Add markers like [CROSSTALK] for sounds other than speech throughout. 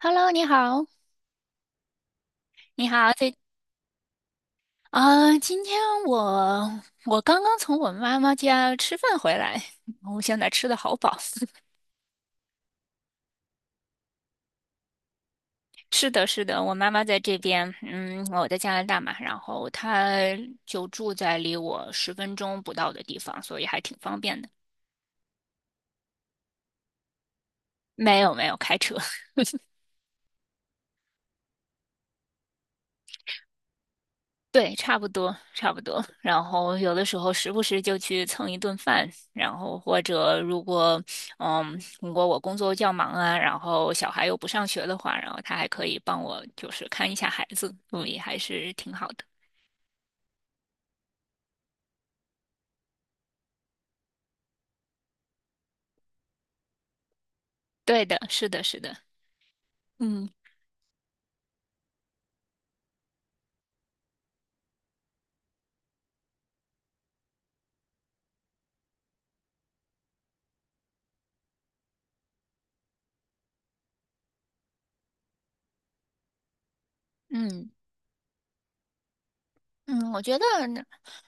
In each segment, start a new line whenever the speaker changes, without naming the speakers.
Hello，你好，你好，今天我刚刚从我妈妈家吃饭回来，我现在吃的好饱。[LAUGHS] 是的，是的，我妈妈在这边，嗯，我在加拿大嘛，然后她就住在离我10分钟不到的地方，所以还挺方便的。没有，没有开车。对，差不多，差不多。然后有的时候时不时就去蹭一顿饭，然后或者如果，嗯，如果我工作较忙啊，然后小孩又不上学的话，然后他还可以帮我就是看一下孩子，所以还是挺好的。对的，是的，是的，嗯嗯嗯，我觉得。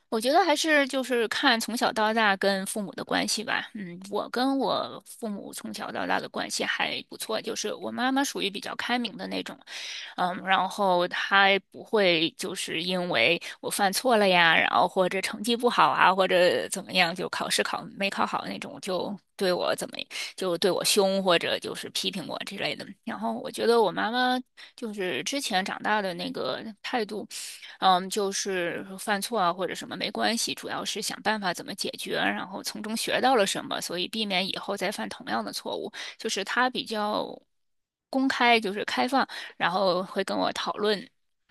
我觉得还是就是看从小到大跟父母的关系吧。嗯，我跟我父母从小到大的关系还不错，就是我妈妈属于比较开明的那种。嗯，然后她也不会就是因为我犯错了呀，然后或者成绩不好啊，或者怎么样，就考试考没考好那种，就对我凶或者就是批评我之类的。然后我觉得我妈妈就是之前长大的那个态度。嗯，就是犯错啊或者什么没关系，主要是想办法怎么解决，然后从中学到了什么，所以避免以后再犯同样的错误。就是他比较公开，就是开放，然后会跟我讨论。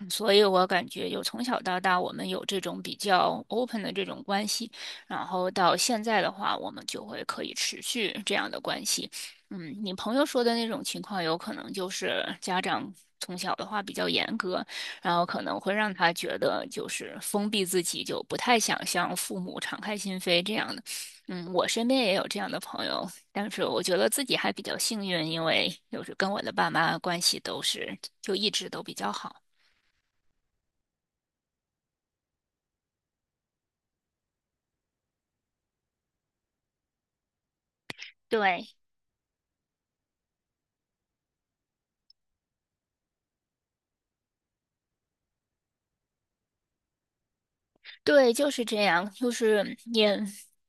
嗯，所以我感觉有从小到大，我们有这种比较 open 的这种关系，然后到现在的话，我们就会可以持续这样的关系。嗯，你朋友说的那种情况，有可能就是家长从小的话比较严格，然后可能会让他觉得就是封闭自己，就不太想向父母敞开心扉这样的。嗯，我身边也有这样的朋友，但是我觉得自己还比较幸运，因为就是跟我的爸妈关系都是就一直都比较好。对，对，就是这样，就是也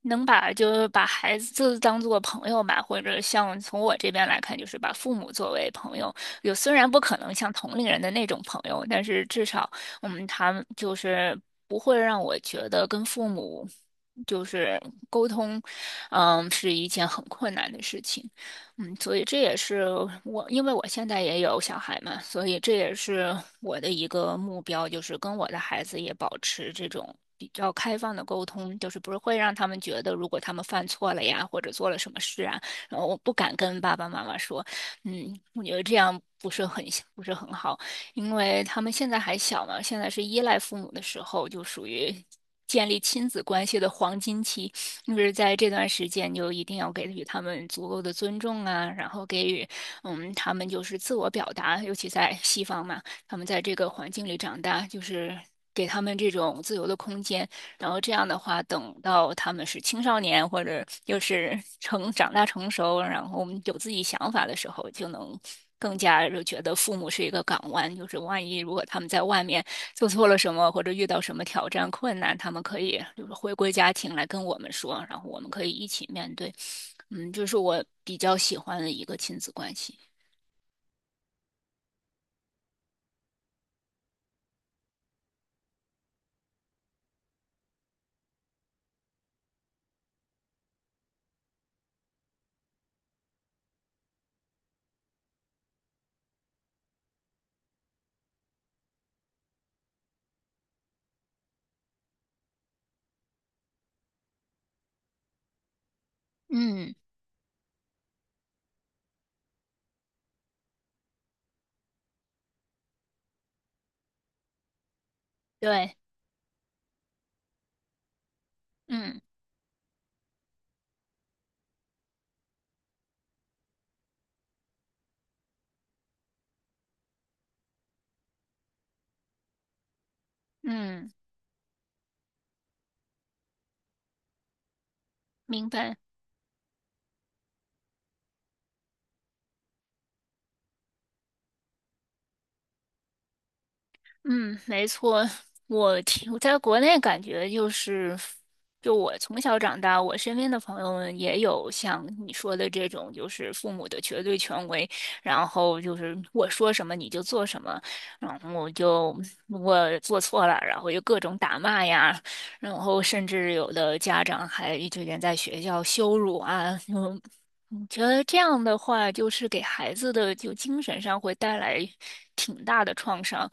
能把就是把孩子当做朋友吧，或者像从我这边来看，就是把父母作为朋友。有虽然不可能像同龄人的那种朋友，但是至少，嗯，他们就是不会让我觉得跟父母就是沟通，嗯，是一件很困难的事情。嗯，所以这也是我，因为我现在也有小孩嘛，所以这也是我的一个目标，就是跟我的孩子也保持这种比较开放的沟通，就是不是会让他们觉得，如果他们犯错了呀，或者做了什么事啊，然后我不敢跟爸爸妈妈说。嗯，我觉得这样不是很好，因为他们现在还小嘛，现在是依赖父母的时候，就属于建立亲子关系的黄金期，就是在这段时间就一定要给予他们足够的尊重啊，然后给予嗯他们就是自我表达，尤其在西方嘛，他们在这个环境里长大，就是给他们这种自由的空间，然后这样的话，等到他们是青少年或者就是 [LAUGHS] 成长大成熟，然后我们有自己想法的时候，就能更加就觉得父母是一个港湾，就是万一如果他们在外面做错了什么，或者遇到什么挑战困难，他们可以就是回归家庭来跟我们说，然后我们可以一起面对。嗯，就是我比较喜欢的一个亲子关系。嗯，对，嗯嗯，明白。嗯，没错，我听我在国内感觉就是，就我从小长大，我身边的朋友们也有像你说的这种，就是父母的绝对权威，然后就是我说什么你就做什么，然后我就我做错了，然后就各种打骂呀，然后甚至有的家长还就连在学校羞辱啊，就我觉得这样的话，就是给孩子的就精神上会带来挺大的创伤。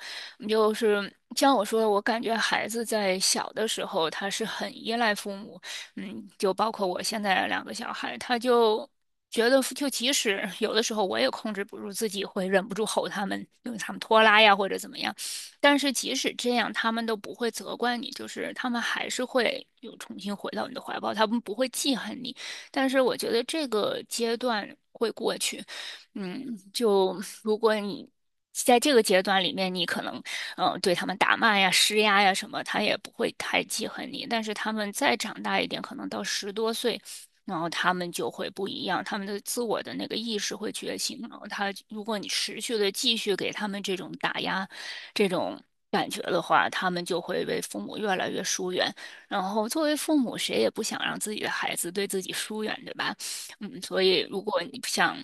就是像我说的，我感觉孩子在小的时候他是很依赖父母。嗯，就包括我现在2个小孩，他就觉得就即使有的时候我也控制不住自己，会忍不住吼他们，因为他们拖拉呀或者怎么样，但是即使这样，他们都不会责怪你，就是他们还是会又重新回到你的怀抱，他们不会记恨你。但是我觉得这个阶段会过去。嗯，就如果你在这个阶段里面，你可能对他们打骂呀、施压呀什么，他也不会太记恨你。但是他们再长大一点，可能到10多岁，然后他们就会不一样，他们的自我的那个意识会觉醒。然后他，如果你持续的继续给他们这种打压、这种感觉的话，他们就会为父母越来越疏远。然后作为父母，谁也不想让自己的孩子对自己疏远，对吧？嗯，所以如果你想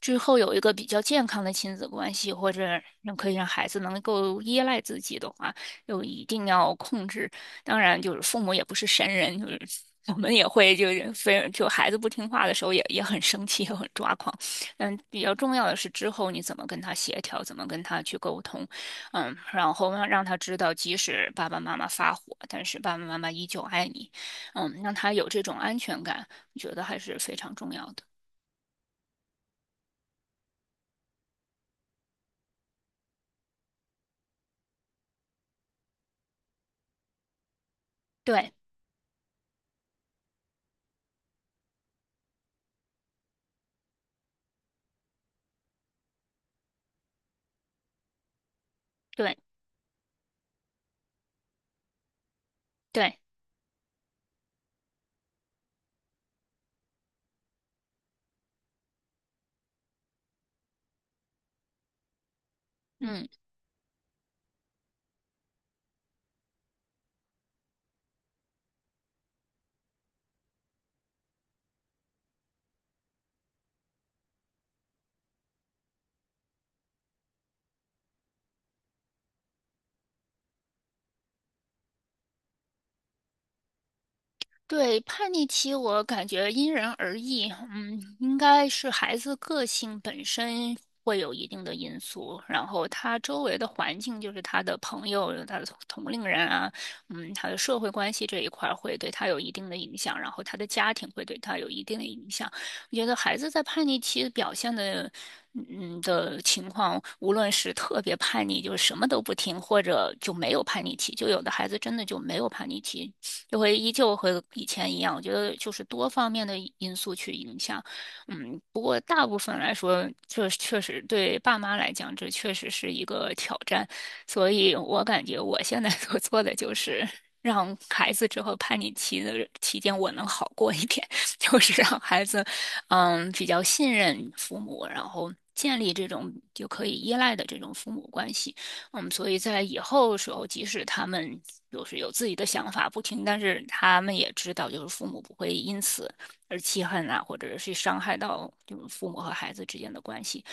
之后有一个比较健康的亲子关系，或者让可以让孩子能够依赖自己的话，就一定要控制。当然，就是父母也不是神人，就是我们也会就是非就孩子不听话的时候也很生气，也很抓狂。嗯，比较重要的是之后你怎么跟他协调，怎么跟他去沟通，嗯，然后让他知道，即使爸爸妈妈发火，但是爸爸妈妈依旧爱你，嗯，让他有这种安全感，我觉得还是非常重要的。对对对。嗯，对，叛逆期我感觉因人而异，嗯，应该是孩子个性本身会有一定的因素，然后他周围的环境，就是他的朋友、他的同龄人啊，嗯，他的社会关系这一块儿会对他有一定的影响，然后他的家庭会对他有一定的影响。我觉得孩子在叛逆期表现的。嗯的情况，无论是特别叛逆，就是什么都不听，或者就没有叛逆期，就有的孩子真的就没有叛逆期，就会依旧和以前一样。我觉得就是多方面的因素去影响。嗯，不过大部分来说，这确实对爸妈来讲，这确实是一个挑战。所以我感觉我现在 [LAUGHS] 所做的就是让孩子之后叛逆期的期间，我能好过一点。[LAUGHS] 就是让孩子，嗯，比较信任父母，然后建立这种就可以依赖的这种父母关系。嗯，所以在以后的时候，即使他们就是有自己的想法不听，但是他们也知道，就是父母不会因此而气恨啊，或者是伤害到就是父母和孩子之间的关系。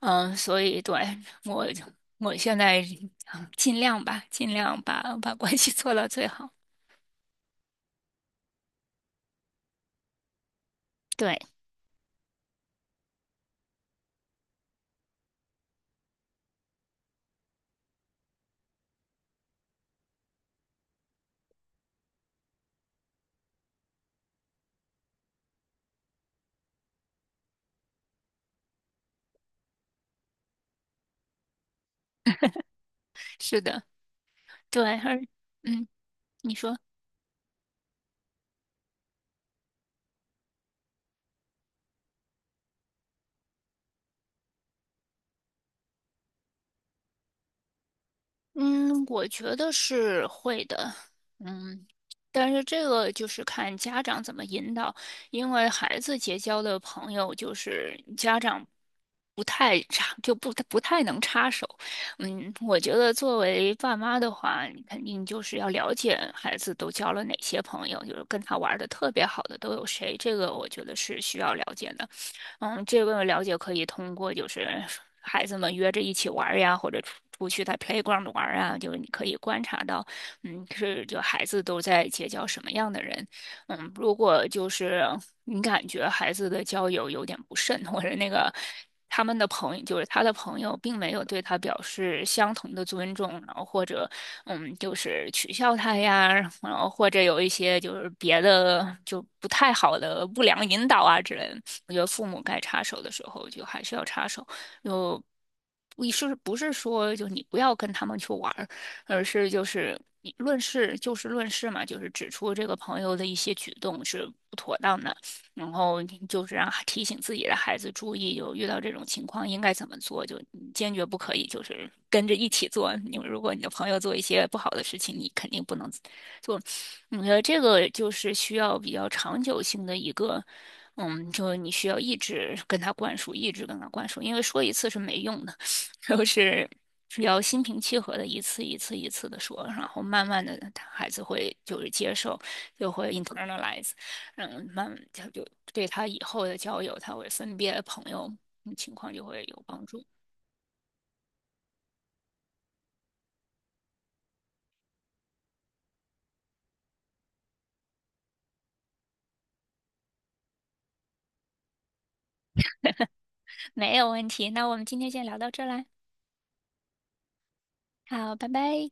嗯，所以对我，我现在嗯尽量吧，尽量把关系做到最好。对，是的，对，而嗯，你说。嗯，我觉得是会的。嗯，但是这个就是看家长怎么引导，因为孩子结交的朋友就是家长不太插，就不太能插手。嗯，我觉得作为爸妈的话，你肯定就是要了解孩子都交了哪些朋友，就是跟他玩的特别好的都有谁，这个我觉得是需要了解的。嗯，这个了解可以通过就是孩子们约着一起玩儿呀，或者出去在 playground 玩儿啊，就是你可以观察到，嗯，是就孩子都在结交什么样的人。嗯，如果就是你感觉孩子的交友有点不慎，或者那个他们的朋友，就是他的朋友，并没有对他表示相同的尊重，然后或者嗯，就是取笑他呀，然后或者有一些就是别的就不太好的不良引导啊之类的，我觉得父母该插手的时候就还是要插手，就。你是不是说，就你不要跟他们去玩，而是就是以论事就事论事嘛，就是指出这个朋友的一些举动是不妥当的，然后就是让提醒自己的孩子注意，有遇到这种情况应该怎么做，就你坚决不可以就是跟着一起做。你如果你的朋友做一些不好的事情，你肯定不能做。我觉得这个就是需要比较长久性的一个。嗯，就你需要一直跟他灌输，一直跟他灌输，因为说一次是没用的。都是只要心平气和的一次一次一次的说，然后慢慢的他孩子会就是接受，就会 internalize，嗯，慢他就对他以后的交友，他会分别的朋友嗯情况就会有帮助。没有问题，那我们今天先聊到这儿来。好，拜拜。